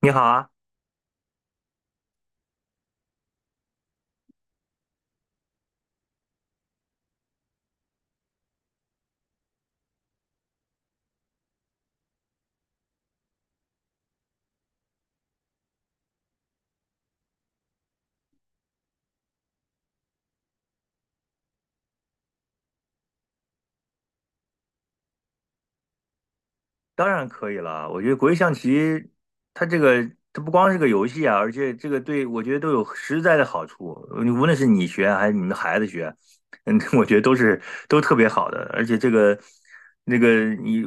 你好啊，当然可以了。我觉得国际象棋，它这个它不光是个游戏啊，而且这个对我觉得都有实在的好处。你无论是你学还是你们孩子学，我觉得都特别好的。而且这个那个你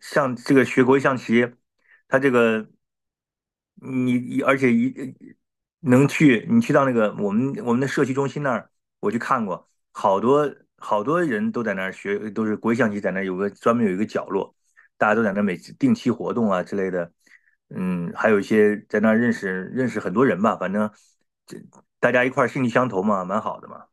像这个学国际象棋，它这个你而且一能去你去到我们的社区中心那儿，我去看过，好多好多人都在那儿学，都是国际象棋在那儿有一个角落。大家都在那每定期活动啊之类的，还有一些在那认识认识很多人吧，反正这大家一块儿兴趣相投嘛，蛮好的嘛。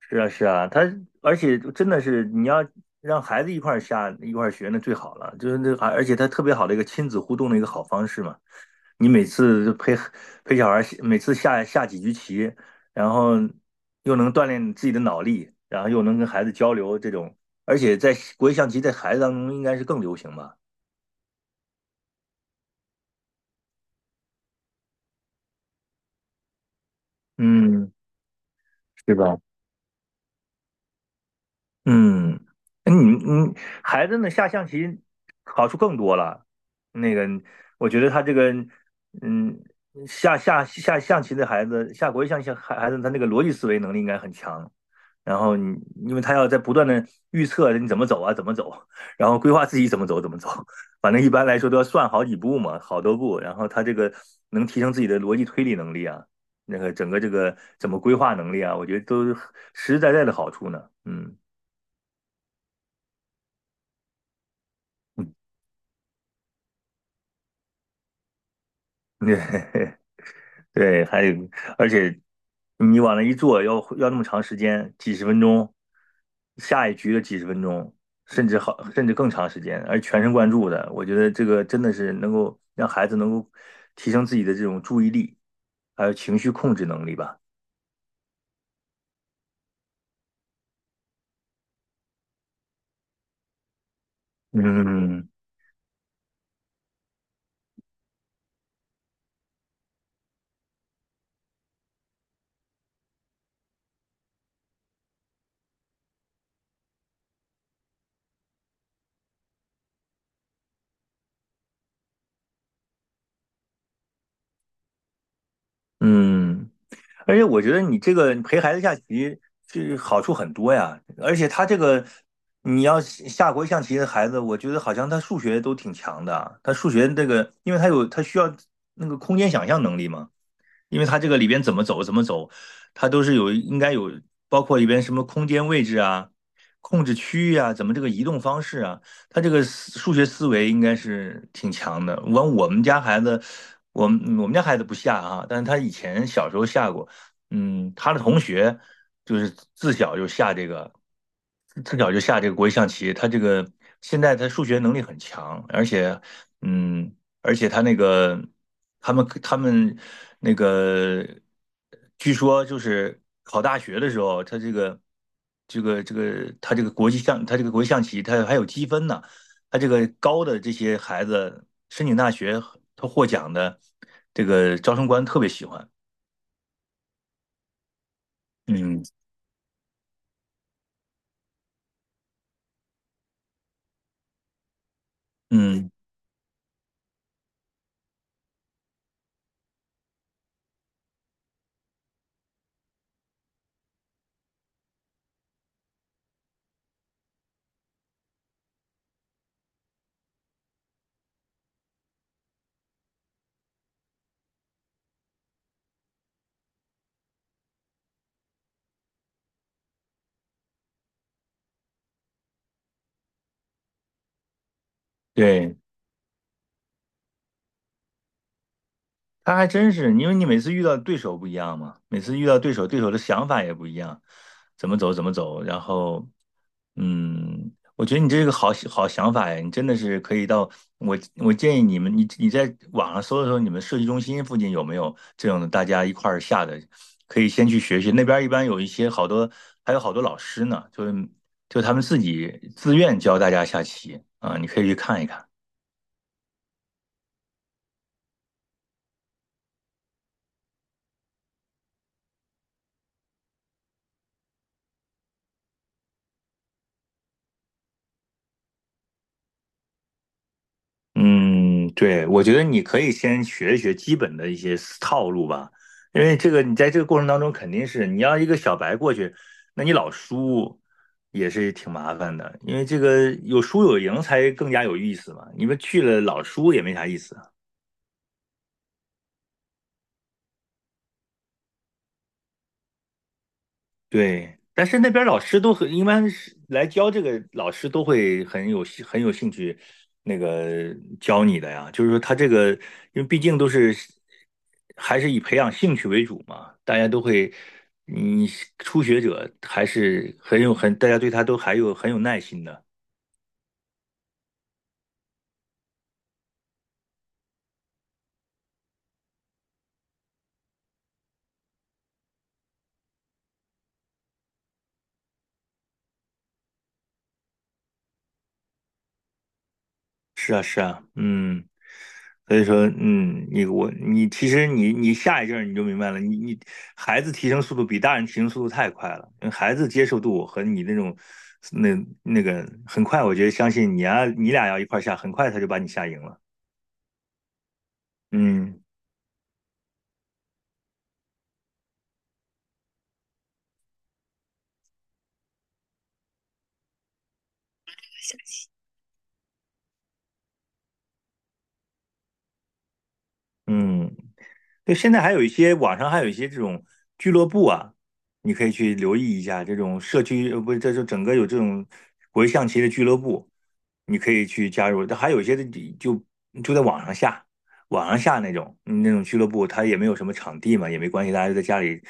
是啊，是啊，而且真的是你要让孩子一块儿下一块儿学，那最好了。就是那而且他特别好的一个亲子互动的一个好方式嘛。你每次就陪陪小孩儿，每次下下几局棋，然后又能锻炼自己的脑力，然后又能跟孩子交流，而且在国际象棋在孩子当中应该是更流行吧。嗯，是吧？嗯，哎你孩子呢下象棋好处更多了。那个，我觉得他嗯，下象棋的孩子，下国际象棋孩子，他那个逻辑思维能力应该很强。然后因为他要在不断的预测你怎么走啊，怎么走，然后规划自己怎么走，怎么走。反正一般来说都要算好几步嘛，好多步。然后他这个能提升自己的逻辑推理能力啊，那个整个这个怎么规划能力啊，我觉得都是实实在在的好处呢。嗯。对 对，还有，而且你往那一坐，要那么长时间，几十分钟，下一局的几十分钟，甚至更长时间，而全神贯注的，我觉得这个真的是能够让孩子能够提升自己的这种注意力，还有情绪控制能力吧。嗯嗯，而且我觉得你这个陪孩子下棋是好处很多呀，而且他这个你要下国际象棋的孩子，我觉得好像他数学都挺强的啊，他数学因为他需要那个空间想象能力嘛，因为它这个里边怎么走怎么走，它都是有应该有包括里边什么空间位置啊、控制区域啊，怎么这个移动方式啊，它这个数学思维应该是挺强的。我们家孩子，我们家孩子不下啊，但是他以前小时候下过，他的同学就是自小就下这个。自小就下这个国际象棋，他这个现在他数学能力很强，嗯，而且他那个他们他们那个，据说就是考大学的时候，他这个这个这个他这个国际象他这个国际象棋，他还有积分呢，他这个高的这些孩子申请大学，他获奖的这个招生官特别喜欢，嗯嗯，对。他还真是，因为你每次遇到对手不一样嘛，每次遇到对手，对手的想法也不一样，怎么走怎么走。然后，我觉得你这是个好好想法呀，你真的是可以到我我建议你们，你在网上搜一搜，你们设计中心附近有没有这种的大家一块儿下的，可以先去学学。那边儿一般有一些好多，还有好多老师呢，就是就他们自己自愿教大家下棋啊，你可以去看一看。嗯，对，我觉得你可以先学一学基本的一些套路吧，因为这个你在这个过程当中肯定是你要一个小白过去，那你老输也是挺麻烦的，因为这个有输有赢才更加有意思嘛，你们去了老输也没啥意思。对，但是那边老师一般是来教这个老师都会很有兴趣，那个教你的呀。就是说他这个，因为毕竟还是以培养兴趣为主嘛，大家都会，你初学者还是很有很，大家对他都还有很有耐心的。是啊，是啊，嗯。所以说，你其实你下一阵儿你就明白了，你孩子提升速度比大人提升速度太快了，因为孩子接受度和你那种那那个很快，我觉得相信你啊，你俩要一块儿下，很快他就把你下赢了。嗯嗯。对，现在还有一些网上还有一些这种俱乐部啊，你可以去留意一下这种社区，不是，这就整个有这种国际象棋的俱乐部，你可以去加入。但还有一些的就就在网上下，网上下那种俱乐部，它也没有什么场地嘛，也没关系，大家就在家里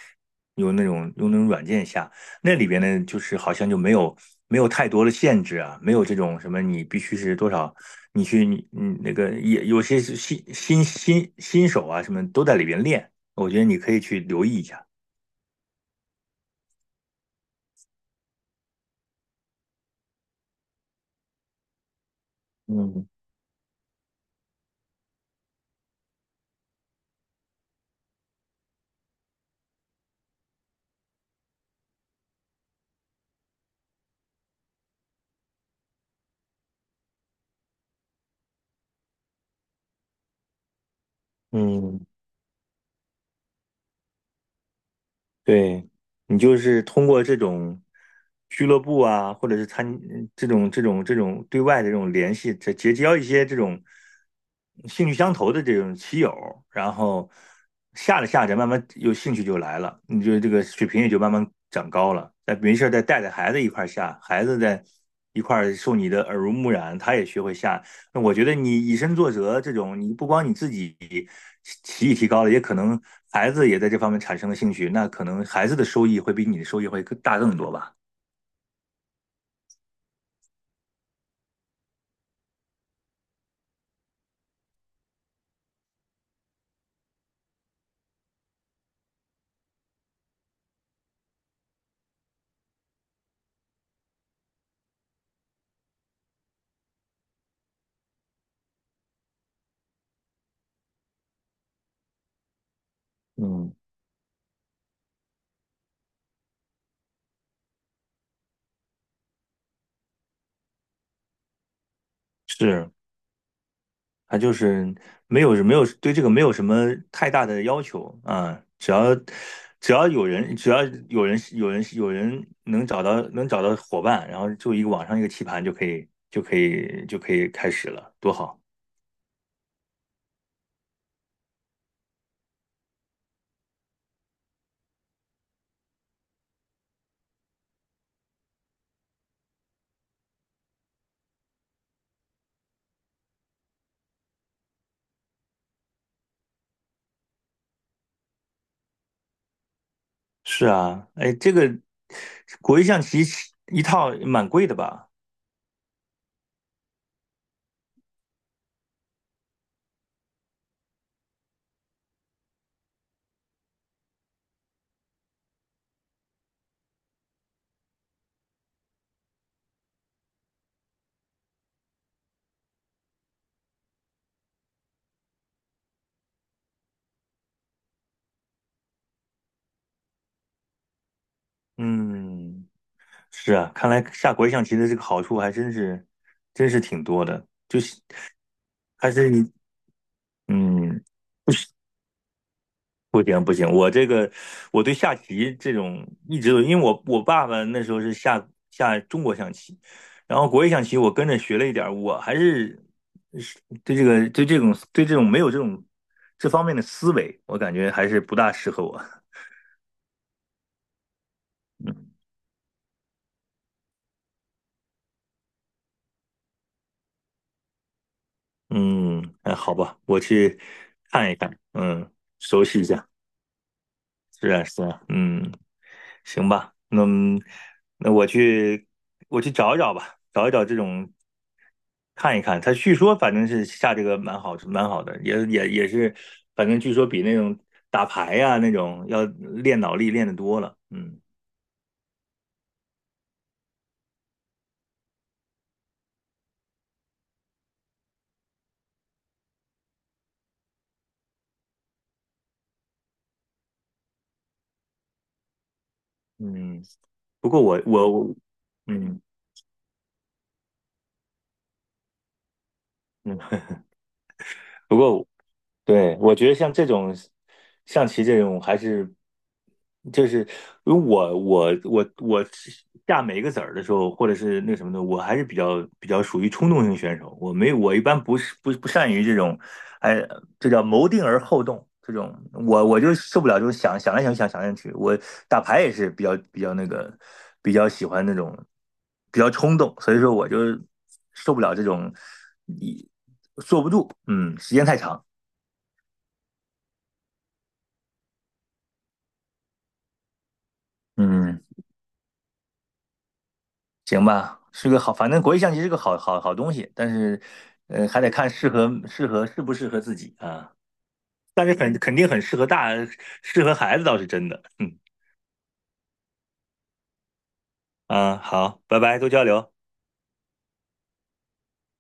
用那种软件下，那里边呢就是好像就没有太多的限制啊，没有这种什么你必须是多少你去你你那个也有些是新手啊什么都在里边练，我觉得你可以去留意一下。嗯嗯，对，你就是通过这种俱乐部啊，或者是参这种这种这种对外的这种联系，结交一些这种兴趣相投的这种棋友，然后下着下着，慢慢有兴趣就来了，你就这个水平也就慢慢长高了。再没事儿再带着孩子一块儿下，孩子在一块儿受你的耳濡目染，他也学会下，那我觉得你以身作则这种，你不光你自己棋艺提高了，也可能孩子也在这方面产生了兴趣，那可能孩子的收益会比你的收益会更大更多吧。嗯，是，他就是没有对这个没有什么太大的要求啊，只要有人能找到伙伴，然后就一个网上一个棋盘就可以开始了，多好。是啊，哎，这个国际象棋一套蛮贵的吧？嗯是啊，看来下国际象棋的这个好处还真是，真是挺多的，就是还是你，嗯，不行不行，我对下棋这种一直都，因为我爸爸那时候是下下中国象棋，然后国际象棋我跟着学了一点儿，我还是对这个对这种对这种没有这种这方面的思维，我感觉还是不大适合我。嗯嗯，哎，好吧，我去看一看，熟悉一下，是啊是啊，嗯。行吧，那我去找一找吧，找一找这种看一看。他据说反正是下这个蛮好，蛮好的，也是，反正据说比那种打牌呀、那种要练脑力练得多了。嗯嗯，不过我我我嗯嗯，不过。对，我觉得像这种象棋这种，还是就是如果我下每一个子儿的时候，或者是那什么的，我还是比较属于冲动型选手。我一般不是不不善于这种，哎，这叫谋定而后动这种。我就受不了这种想想来想去想想来想去。我打牌也是比较喜欢那种比较冲动，所以说我就受不了这种一嗯时间太长。嗯。行吧，是个好，反正国际象棋是个好好好东西，但是，还得看适不适合自己啊。但是很肯定很适合大，适合孩子倒是真的。嗯啊，好，拜拜，多交流。